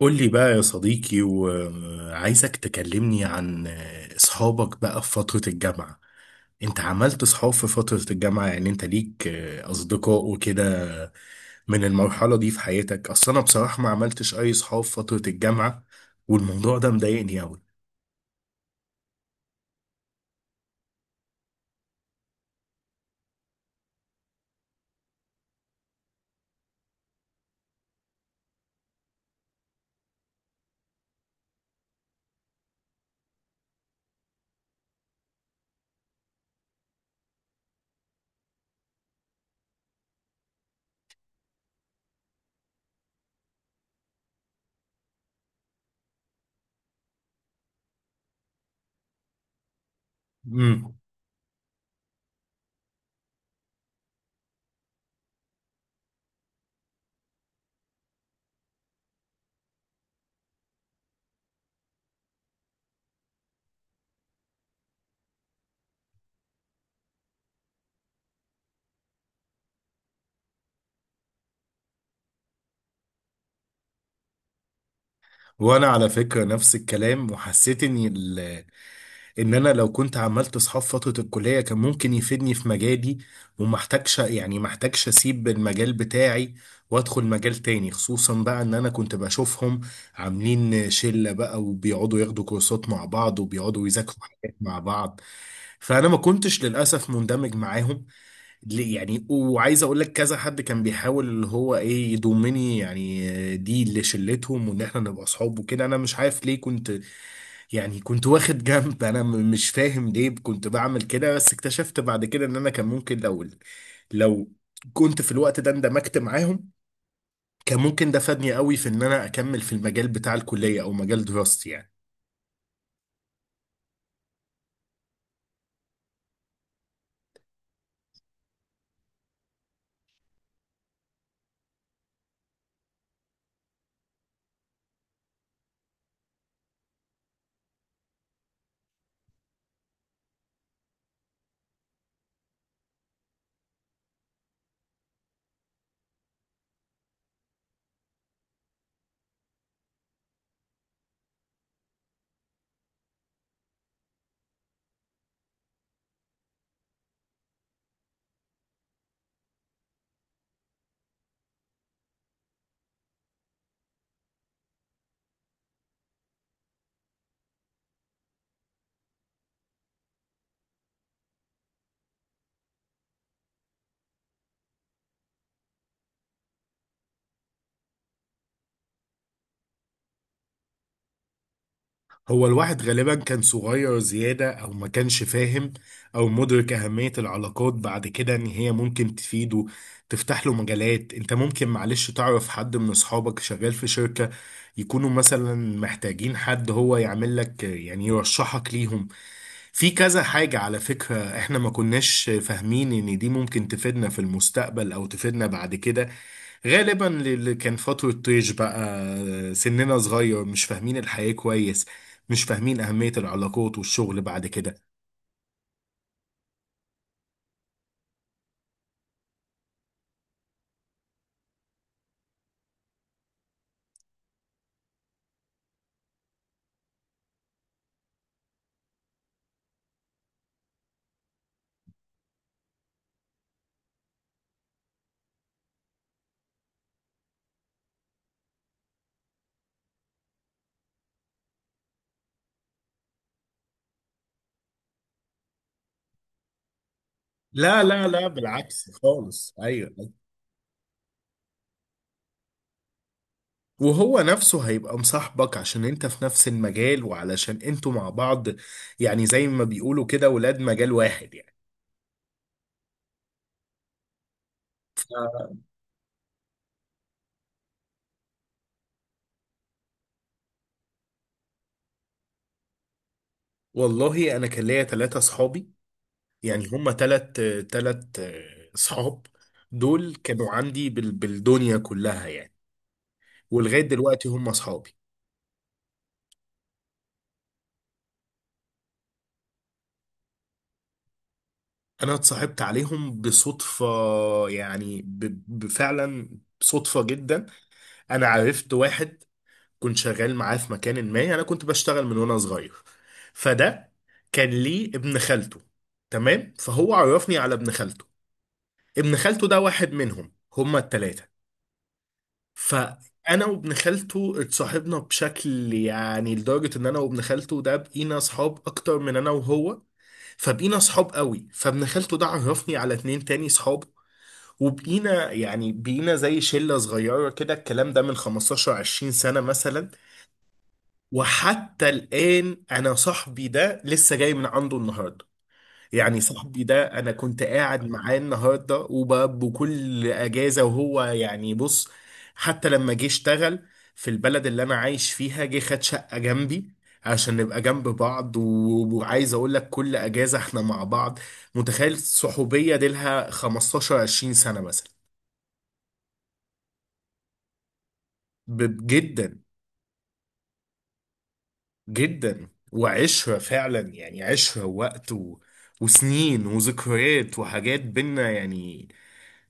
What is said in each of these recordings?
قول لي بقى يا صديقي وعايزك تكلمني عن اصحابك بقى في فترة الجامعة. انت عملت اصحاب في فترة الجامعة؟ يعني انت ليك اصدقاء وكده من المرحلة دي في حياتك؟ اصل انا بصراحة ما عملتش اي اصحاب في فترة الجامعة، والموضوع ده مضايقني اوي. امم. وانا على فكرة نفس الكلام، وحسيت اني ان انا لو كنت عملت اصحاب فترة الكلية كان ممكن يفيدني في مجالي، ومحتاجش يعني محتاجش اسيب المجال بتاعي وادخل مجال تاني، خصوصا بقى ان انا كنت بشوفهم عاملين شلة بقى، وبيقعدوا ياخدوا كورسات مع بعض، وبيقعدوا يذاكروا حاجات مع بعض. فانا ما كنتش للاسف مندمج معاهم. يعني وعايز اقول لك كذا حد كان بيحاول اللي هو ايه يضمني، يعني دي اللي شلتهم، وان احنا نبقى اصحاب وكده. انا مش عارف ليه كنت، يعني كنت واخد جنب، انا مش فاهم ليه كنت بعمل كده. بس اكتشفت بعد كده ان انا كان ممكن، لو كنت في الوقت ده اندمجت معاهم كان ممكن ده فادني قوي في ان انا اكمل في المجال بتاع الكلية او مجال دراستي يعني. هو الواحد غالبا كان صغير زيادة، أو ما كانش فاهم أو مدرك أهمية العلاقات بعد كده، إن هي ممكن تفيده، تفتح له مجالات. أنت ممكن معلش تعرف حد من أصحابك شغال في شركة، يكونوا مثلا محتاجين حد، هو يعمل لك يعني يرشحك ليهم في كذا حاجة. على فكرة احنا ما كناش فاهمين ان دي ممكن تفيدنا في المستقبل او تفيدنا بعد كده. غالبا اللي كان فترة طيش بقى، سننا صغير، مش فاهمين الحياة كويس، مش فاهمين أهمية العلاقات والشغل بعد كده. لا لا لا، بالعكس خالص. أيوه. وهو نفسه هيبقى مصاحبك عشان انت في نفس المجال، وعلشان انتوا مع بعض، يعني زي ما بيقولوا كده ولاد مجال واحد يعني. والله انا كان ليا ثلاثة صحابي، يعني هما ثلاث ثلاث صحاب. دول كانوا عندي بالدنيا كلها يعني. ولغاية دلوقتي هم صحابي. انا اتصاحبت عليهم بصدفة، يعني فعلا صدفة جدا. انا عرفت واحد كنت شغال معاه في مكان، ما انا كنت بشتغل من وانا صغير، فده كان ليه ابن خالته. تمام، فهو عرفني على ابن خالته. ابن خالته ده واحد منهم، هما التلاتة. فانا وابن خالته اتصاحبنا بشكل يعني، لدرجة ان انا وابن خالته ده بقينا اصحاب اكتر من انا وهو. فبقينا صحاب قوي. فابن خالته ده عرفني على اتنين تاني صحاب، وبقينا يعني بقينا زي شلة صغيرة كده. الكلام ده من 15 20 سنة مثلا. وحتى الآن أنا صاحبي ده لسه جاي من عنده النهاردة. يعني صاحبي ده أنا كنت قاعد معاه النهاردة، وبكل أجازة، وهو يعني بص، حتى لما جه اشتغل في البلد اللي أنا عايش فيها جه خد شقة جنبي عشان نبقى جنب بعض. وعايز أقول لك كل أجازة احنا مع بعض. متخيل؟ صحوبية دي لها 15 20 سنة مثلا. جدا جدا. وعشرة فعلا، يعني عشرة ووقت وسنين وذكريات وحاجات بينا يعني،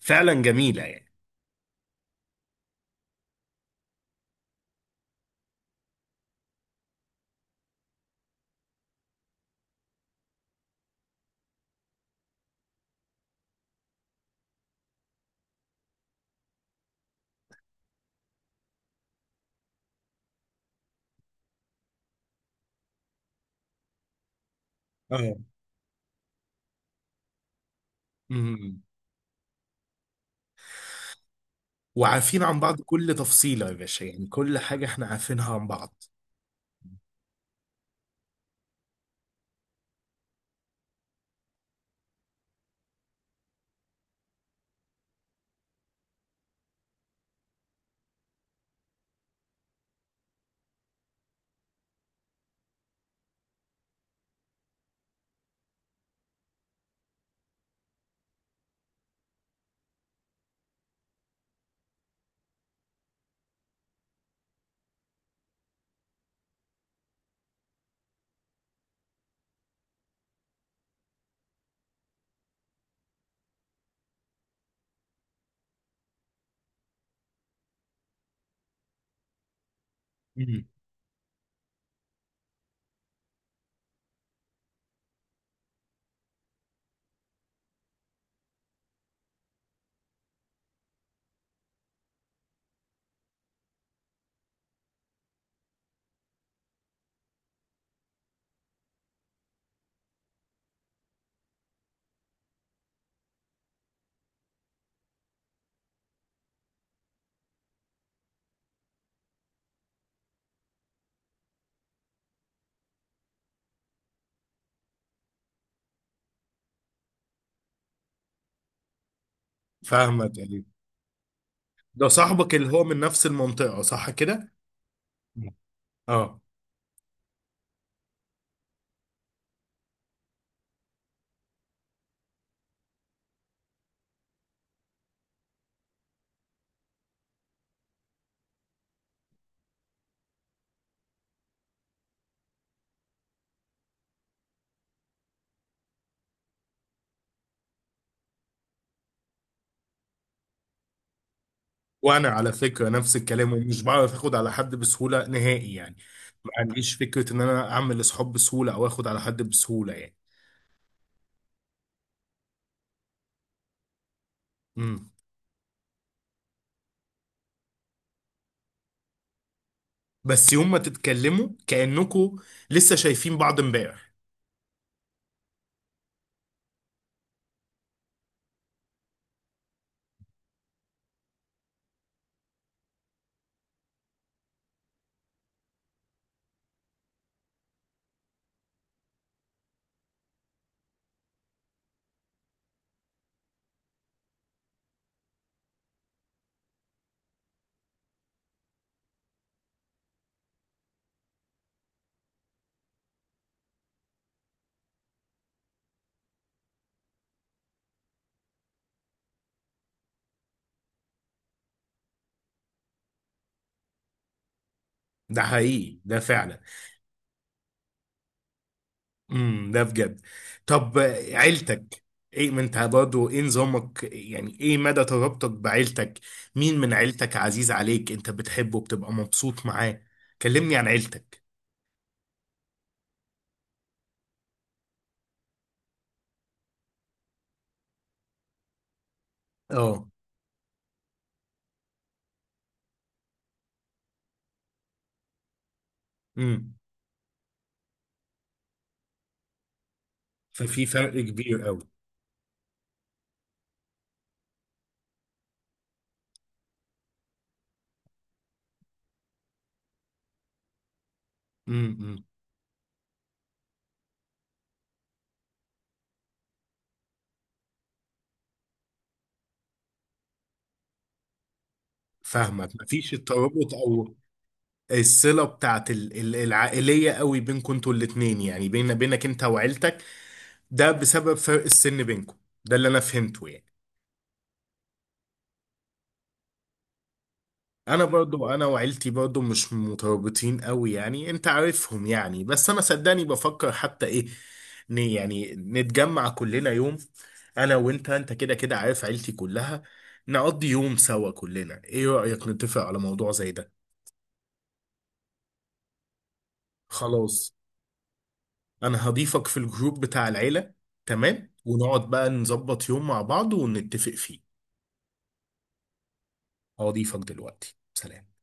فعلا جميلة يعني. اه. مم. وعارفين عن بعض كل تفصيلة يا باشا، يعني كل حاجة احنا عارفينها عن بعض. مم. فاهمك يعني. ده صاحبك اللي هو من نفس المنطقة، صح كده؟ مم. اه. وانا على فكرة نفس الكلام، ومش بعرف اخد على حد بسهولة نهائي يعني. ما عنديش فكرة ان انا اعمل اصحاب بسهولة او اخد على حد بسهولة يعني. مم. بس يوم ما تتكلموا كأنكوا لسه شايفين بعض امبارح. ده حقيقي ده فعلا. ده بجد. طب عيلتك، ايه، ما انت برضه ايه نظامك، يعني ايه مدى ترابطك بعيلتك؟ مين من عيلتك عزيز عليك انت بتحبه بتبقى مبسوط معاه؟ كلمني عن عيلتك. اه. امم. ففي فرق كبير قوي. امم. امم. فاهمك. مفيش الترابط او الصلة بتاعت العائلية قوي بينكم انتوا الاتنين، يعني بينك انت وعيلتك. ده بسبب فرق السن بينكم، ده اللي انا فهمته يعني. انا برضو انا وعيلتي برضو مش مترابطين قوي، يعني انت عارفهم يعني. بس انا صدقني بفكر حتى ايه، يعني نتجمع كلنا يوم. انا وانت، انت كده كده عارف عيلتي كلها. نقضي يوم سوا كلنا، ايه رأيك نتفق على موضوع زي ده؟ خلاص. انا هضيفك في الجروب بتاع العيلة. تمام، ونقعد بقى نظبط يوم مع بعض ونتفق فيه. هضيفك دلوقتي. سلام.